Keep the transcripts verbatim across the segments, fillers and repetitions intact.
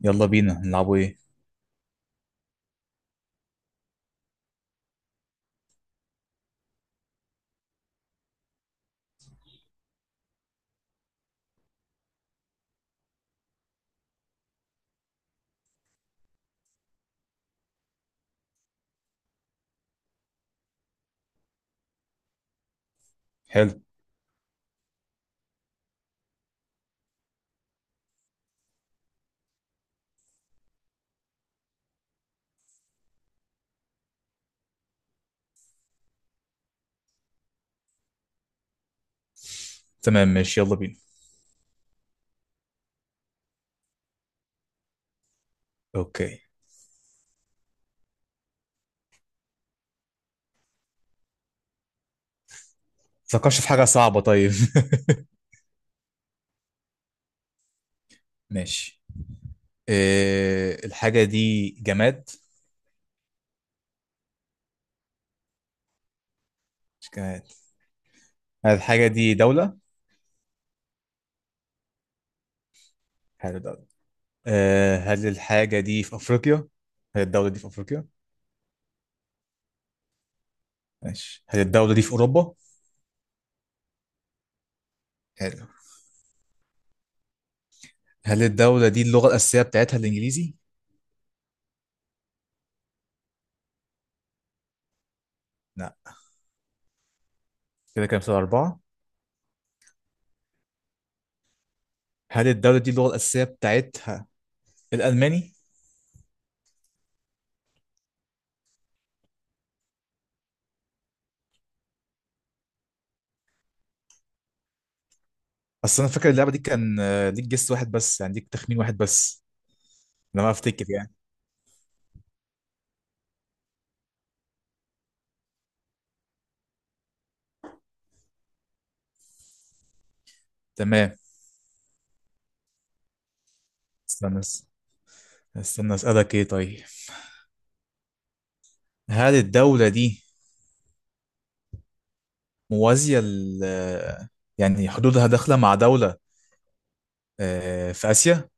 يلا بينا نلعبوا ايه؟ حلو، تمام ماشي يلا بينا. اوكي، فكرش في حاجة صعبة طيب. ماشي. إيه الحاجة دي؟ جماد؟ مش جماد. هل الحاجة دي دولة؟ حلو دولة. إيه، هل الحاجة دي في أفريقيا؟ هل الدولة دي في أفريقيا؟ ماشي، هل الدولة دي في أوروبا؟ حلو. هل الدولة دي اللغة الأساسية بتاعتها الإنجليزي؟ لا؟ كده كام سؤال، أربعة. هل الدولة دي اللغة الأساسية بتاعتها الألماني؟ أصل أنا فاكر اللعبة دي كان آه، ليك جس واحد بس، يعني ليك تخمين واحد بس لما افتكر يعني. تمام. استنى اس- استنى اسالك ايه طيب. هل الدوله دي موازيه ل، يعني حدودها داخله مع دوله آه، في اسيا؟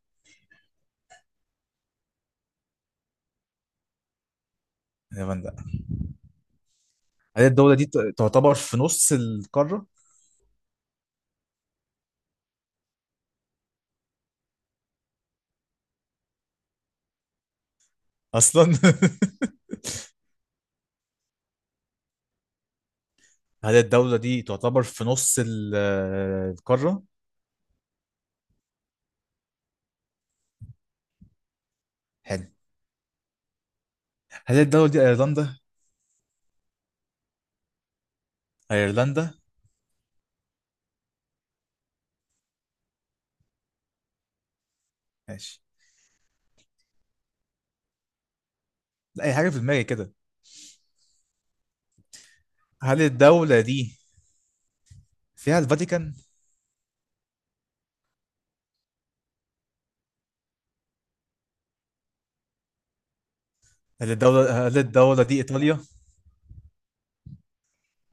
يا من لا. هل الدوله دي ت- تعتبر في نص القاره اصلا؟ هل الدوله دي تعتبر في نص ال- آه، القاره؟ حلو. هل الدوله دي ايرلندا؟ ايرلندا؟ ماشي، لا اي حاجه في دماغي كده. هل الدوله دي فيها الفاتيكان؟ هل الدوله هل الدوله دي ايطاليا؟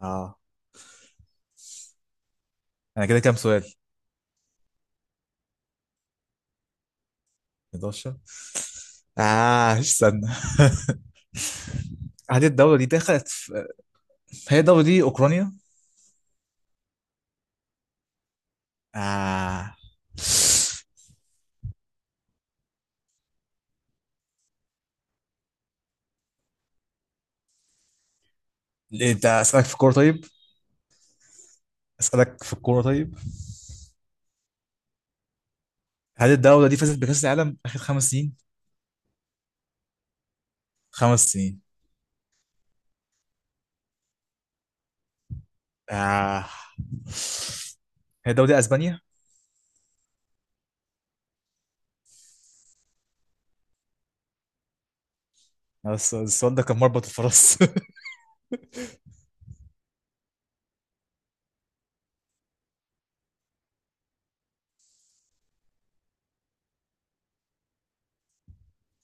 اه. انا كده كام سؤال؟ أحد عشر؟ اه استنى. هذه الدولة دي دخلت في... هي الدولة دي أوكرانيا؟ آه. ليه؟ انت اسالك في الكوره طيب؟ اسالك في الكوره طيب. هل الدوله دي فازت بكاس العالم اخر خمس سنين؟ خمس سنين. آه. هي الدوله دي اسبانيا؟ بس السؤال ده كان مربط الفرس.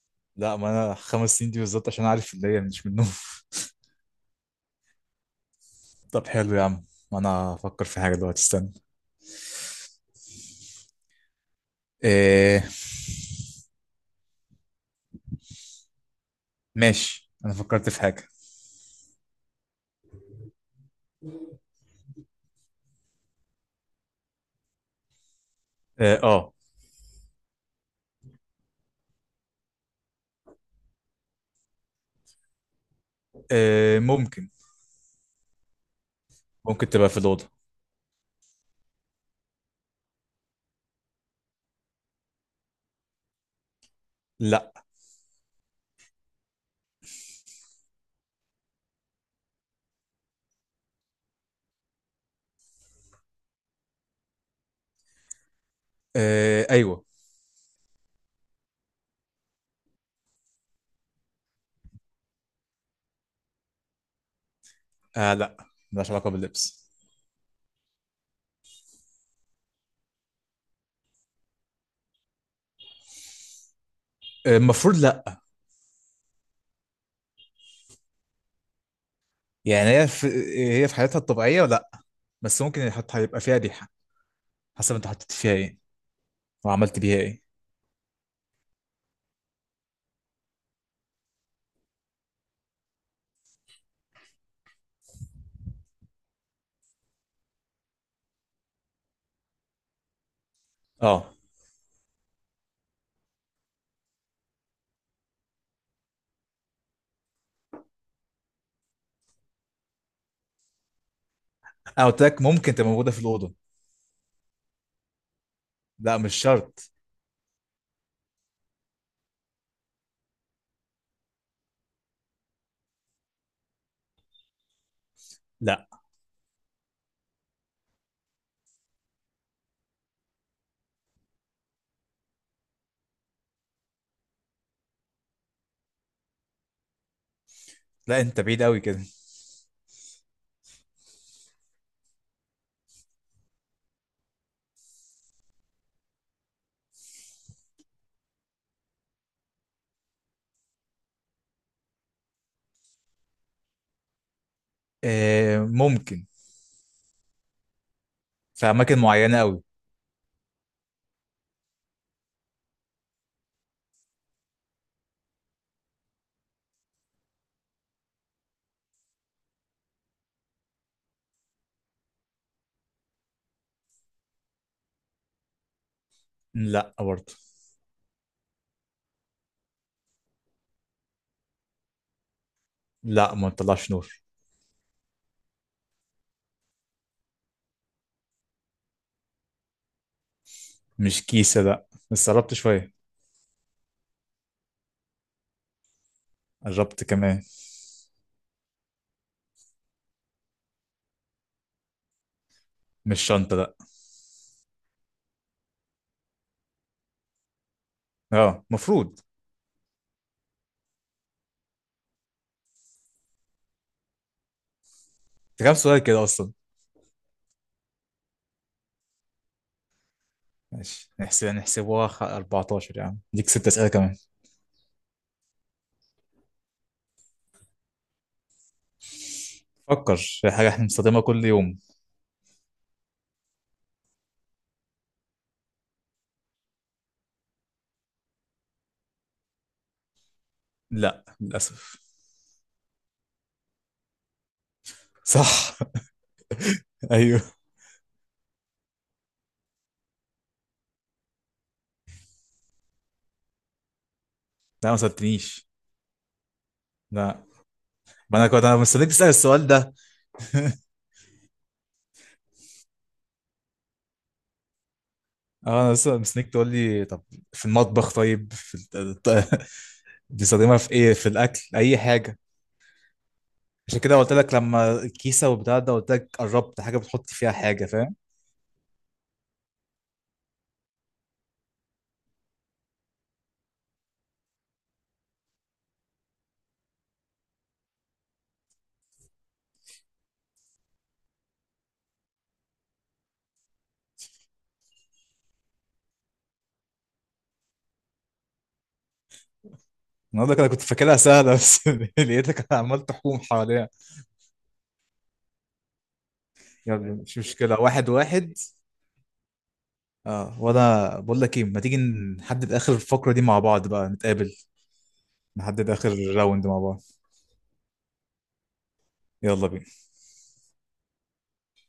لا، ما انا خمس سنين دي بالظبط عشان عارف اللي هي مش منهم. طب حلو يا عم، انا افكر في حاجه دلوقتي استنى. إيه؟ ماشي انا فكرت في حاجه. اه آه. آه، ممكن. ممكن تبقى في الاوضه. لا. آه ايوه. آه لا، ملهاش علاقه باللبس. آه، المفروض لا. يعني هي في، هي في حالتها الطبيعيه لا، بس ممكن حت- هيبقى فيها ريحه حسب انت حطيت فيها ايه وعملت بيها ايه. اه. انا قلت لك ممكن تبقى موجوده في الاوضه. لا مش شرط. لا، لا انت بعيد قوي كده. آه ممكن، في اماكن معينه قوي. لا برضه. لا ما بتطلعش نور. مش كيسه لا، بس قربت شويه. قربت كمان. مش شنطة لا. اه المفروض. ده كام سؤال كده اصلا؟ ماشي نحسب نحسبوها خ- أربعة عشر يا عم، ليك ست اسئلة كمان. فكر في حاجة احنا بنستخدمها كل يوم. لا للأسف. صح؟ ايوه. لا ما سألتنيش. لا، ما انا كنت انا مستنيك تسأل السؤال ده. اه انا لسه مستنيك تقول لي طب في المطبخ، طيب في الت- الت- بتستخدمها في ايه؟ في الاكل اي حاجة. عشان كده قلت لك لما الكيسة وبتاع ده، قلت لك قربت، حاجة بتحط فيها حاجة فاهم. النهارده كده كنت فاكرها سهلة، بس لقيتك عمال تحوم حواليها. يلا مش مشكلة، واحد واحد. اه وانا بقول لك ايه، ما تيجي نحدد اخر الفقرة دي مع بعض بقى، نتقابل نحدد اخر راوند مع بعض. يلا بينا.